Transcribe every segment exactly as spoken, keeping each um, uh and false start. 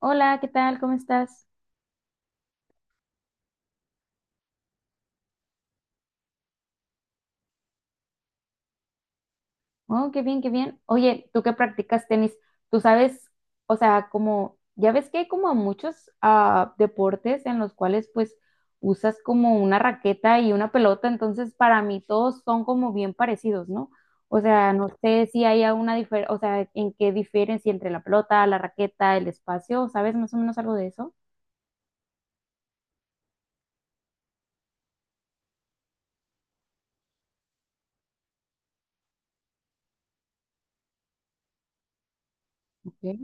Hola, ¿qué tal? ¿Cómo estás? Oh, qué bien, qué bien. Oye, tú que practicas tenis, tú sabes, o sea, como, ya ves que hay como muchos ah, deportes en los cuales pues usas como una raqueta y una pelota, entonces para mí todos son como bien parecidos, ¿no? O sea, no sé si hay alguna diferencia, o sea, en qué diferencia entre la pelota, la raqueta, el espacio, ¿sabes más o menos algo de eso? Ok.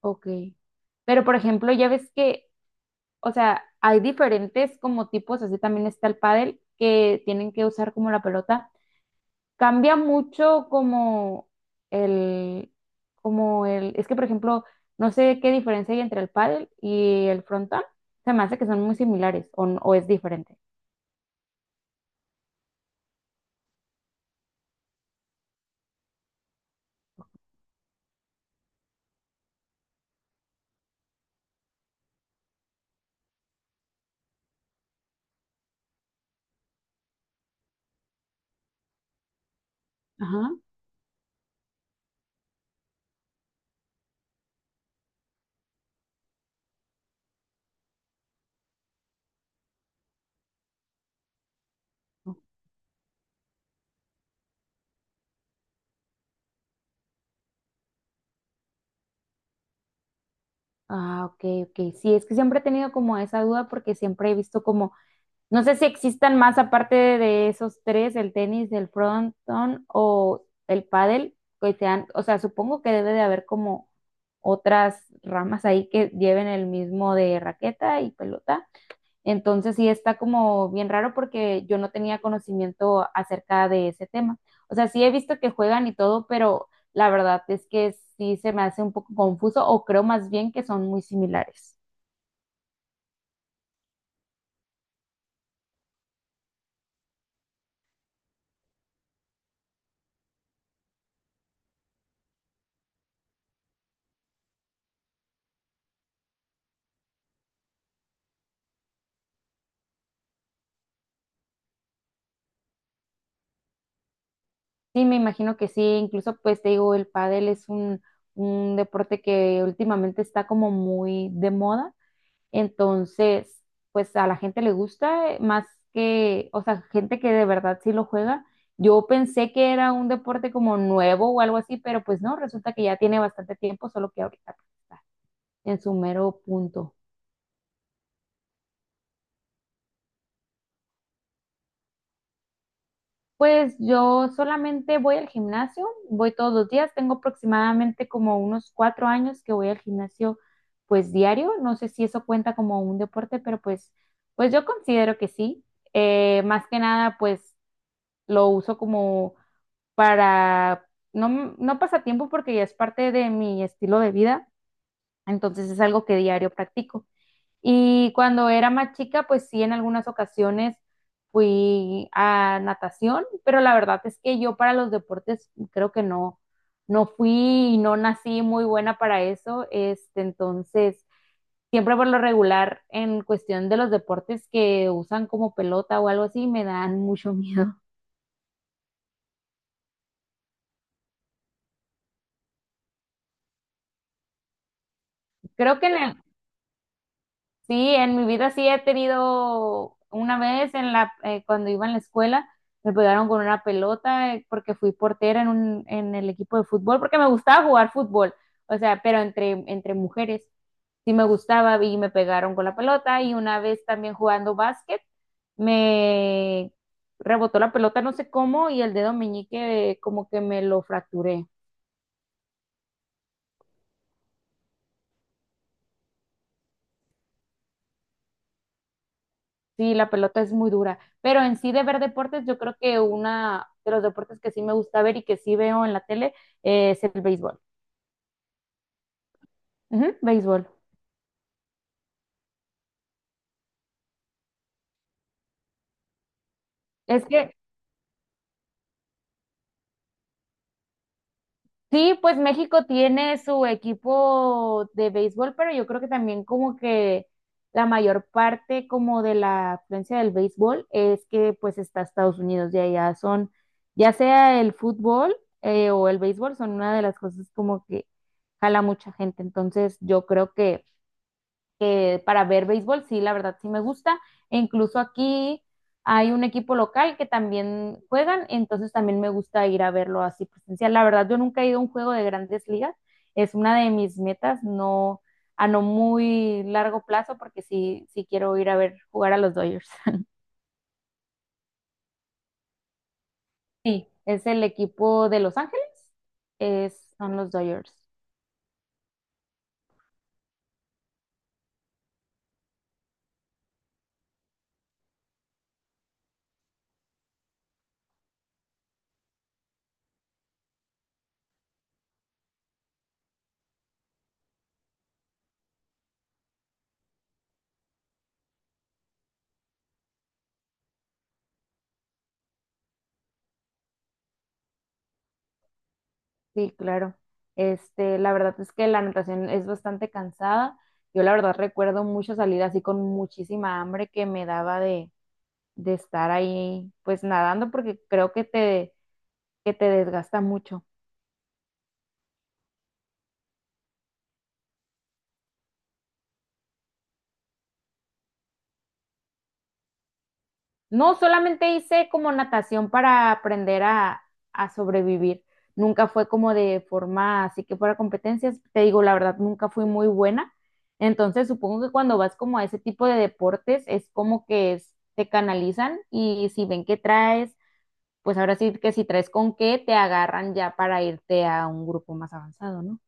Ok. Pero por ejemplo, ya ves que o sea, hay diferentes como tipos, así también está el pádel, que tienen que usar como la pelota. Cambia mucho como el, como el, es que por ejemplo, no sé qué diferencia hay entre el pádel y el frontón. Se me hace que son muy similares o, n- o es diferente. Ajá. Ah, ok, ok. Sí, es que siempre he tenido como esa duda porque siempre he visto como no sé si existan más aparte de esos tres, el tenis, el frontón o el pádel, que sean, o sea, supongo que debe de haber como otras ramas ahí que lleven el mismo de raqueta y pelota. Entonces sí está como bien raro porque yo no tenía conocimiento acerca de ese tema. O sea, sí he visto que juegan y todo, pero la verdad es que sí se me hace un poco confuso o creo más bien que son muy similares. Sí, me imagino que sí, incluso pues te digo, el pádel es un, un deporte que últimamente está como muy de moda, entonces pues a la gente le gusta eh, más que, o sea, gente que de verdad sí lo juega. Yo pensé que era un deporte como nuevo o algo así, pero pues no, resulta que ya tiene bastante tiempo, solo que ahorita pues, está en su mero punto. Pues yo solamente voy al gimnasio, voy todos los días, tengo aproximadamente como unos cuatro años que voy al gimnasio pues diario, no sé si eso cuenta como un deporte, pero pues, pues yo considero que sí. Eh, más que nada pues lo uso como para, no, no pasatiempo porque ya es parte de mi estilo de vida, entonces es algo que diario practico. Y cuando era más chica, pues sí, en algunas ocasiones fui a natación, pero la verdad es que yo para los deportes creo que no, no fui y no nací muy buena para eso. Este, entonces, siempre por lo regular, en cuestión de los deportes que usan como pelota o algo así, me dan mucho miedo. Creo que en el- Sí, en mi vida sí he tenido una vez en la eh, cuando iba en la escuela me pegaron con una pelota eh, porque fui portera en un en el equipo de fútbol porque me gustaba jugar fútbol, o sea, pero entre entre mujeres sí me gustaba y me pegaron con la pelota y una vez también jugando básquet me rebotó la pelota no sé cómo y el dedo meñique eh, como que me lo fracturé. Sí, la pelota es muy dura, pero en sí de ver deportes, yo creo que una de los deportes que sí me gusta ver y que sí veo en la tele eh, es el béisbol. Ujú, béisbol. Es que sí, pues México tiene su equipo de béisbol, pero yo creo que también como que la mayor parte como de la afluencia del béisbol es que pues está Estados Unidos y allá son, ya sea el fútbol eh, o el béisbol, son una de las cosas como que jala mucha gente. Entonces yo creo que que para ver béisbol, sí, la verdad sí me gusta. E incluso aquí hay un equipo local que también juegan, entonces también me gusta ir a verlo así presencial. La verdad, yo nunca he ido a un juego de grandes ligas, es una de mis metas, no a no muy largo plazo, porque sí, sí quiero ir a ver jugar a los Dodgers. Sí, es el equipo de Los Ángeles, es, son los Dodgers. Sí, claro. Este, la verdad es que la natación es bastante cansada. Yo la verdad recuerdo mucho salir así con muchísima hambre que me daba de, de estar ahí pues nadando porque creo que te, que te desgasta mucho. No, solamente hice como natación para aprender a, a sobrevivir. Nunca fue como de forma, así que fuera competencias, te digo la verdad, nunca fui muy buena. Entonces, supongo que cuando vas como a ese tipo de deportes, es como que es- te canalizan y si ven que traes, pues ahora sí que si traes con qué, te agarran ya para irte a un grupo más avanzado, ¿no?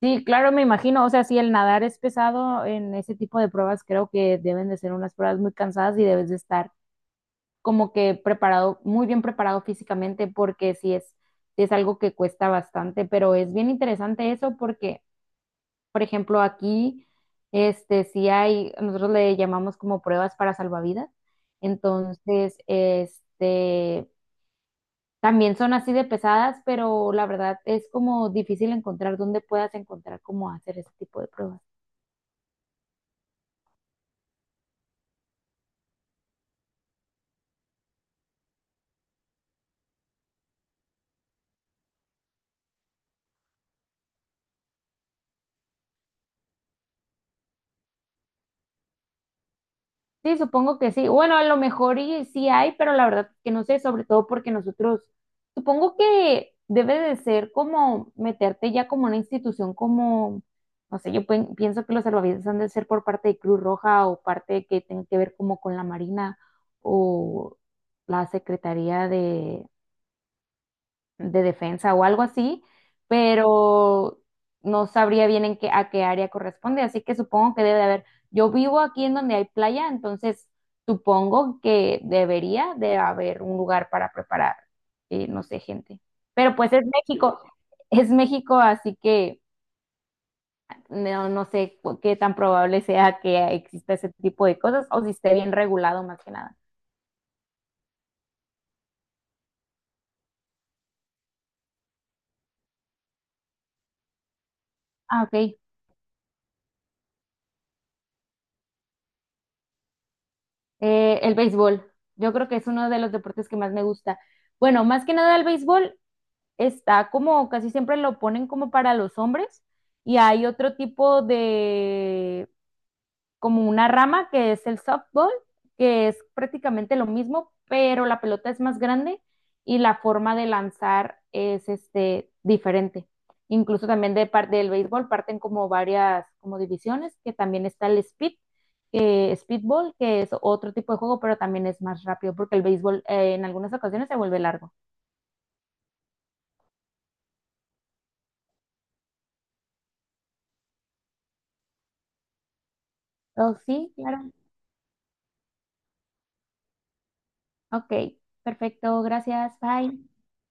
Sí, claro, me imagino. O sea, si el nadar es pesado en ese tipo de pruebas, creo que deben de ser unas pruebas muy cansadas y debes de estar como que preparado, muy bien preparado físicamente, porque sí es, sí es algo que cuesta bastante, pero es bien interesante eso porque, por ejemplo, aquí, este, sí hay, nosotros le llamamos como pruebas para salvavidas, entonces, este, también son así de pesadas, pero la verdad es como difícil encontrar dónde puedas encontrar cómo hacer ese tipo de pruebas. Sí, supongo que sí. Bueno, a lo mejor y sí hay, pero la verdad que no sé, sobre todo porque nosotros, supongo que debe de ser como meterte ya como una institución como, no sé, yo pen- pienso que los salvavidas han de ser por parte de Cruz Roja o parte que tiene que ver como con la Marina o la Secretaría de, de defensa o algo así, pero no sabría bien en qué, a qué área corresponde, así que supongo que debe de haber. Yo vivo aquí en donde hay playa, entonces supongo que debería de haber un lugar para preparar, eh, no sé, gente. Pero pues es México, es México, así que no, no sé cu- qué tan probable sea que exista ese tipo de cosas o si esté bien regulado más que nada. Ah, ok. Eh, el béisbol. Yo creo que es uno de los deportes que más me gusta. Bueno, más que nada el béisbol está como casi siempre lo ponen como para los hombres y hay otro tipo de, como una rama que es el softball, que es prácticamente lo mismo, pero la pelota es más grande y la forma de lanzar es este, diferente. Incluso también de parte del béisbol parten como varias como divisiones, que también está el speed, que speedball, que es otro tipo de juego, pero también es más rápido porque el béisbol eh, en algunas ocasiones se vuelve largo. Oh, sí, claro. Ok, perfecto, gracias, bye.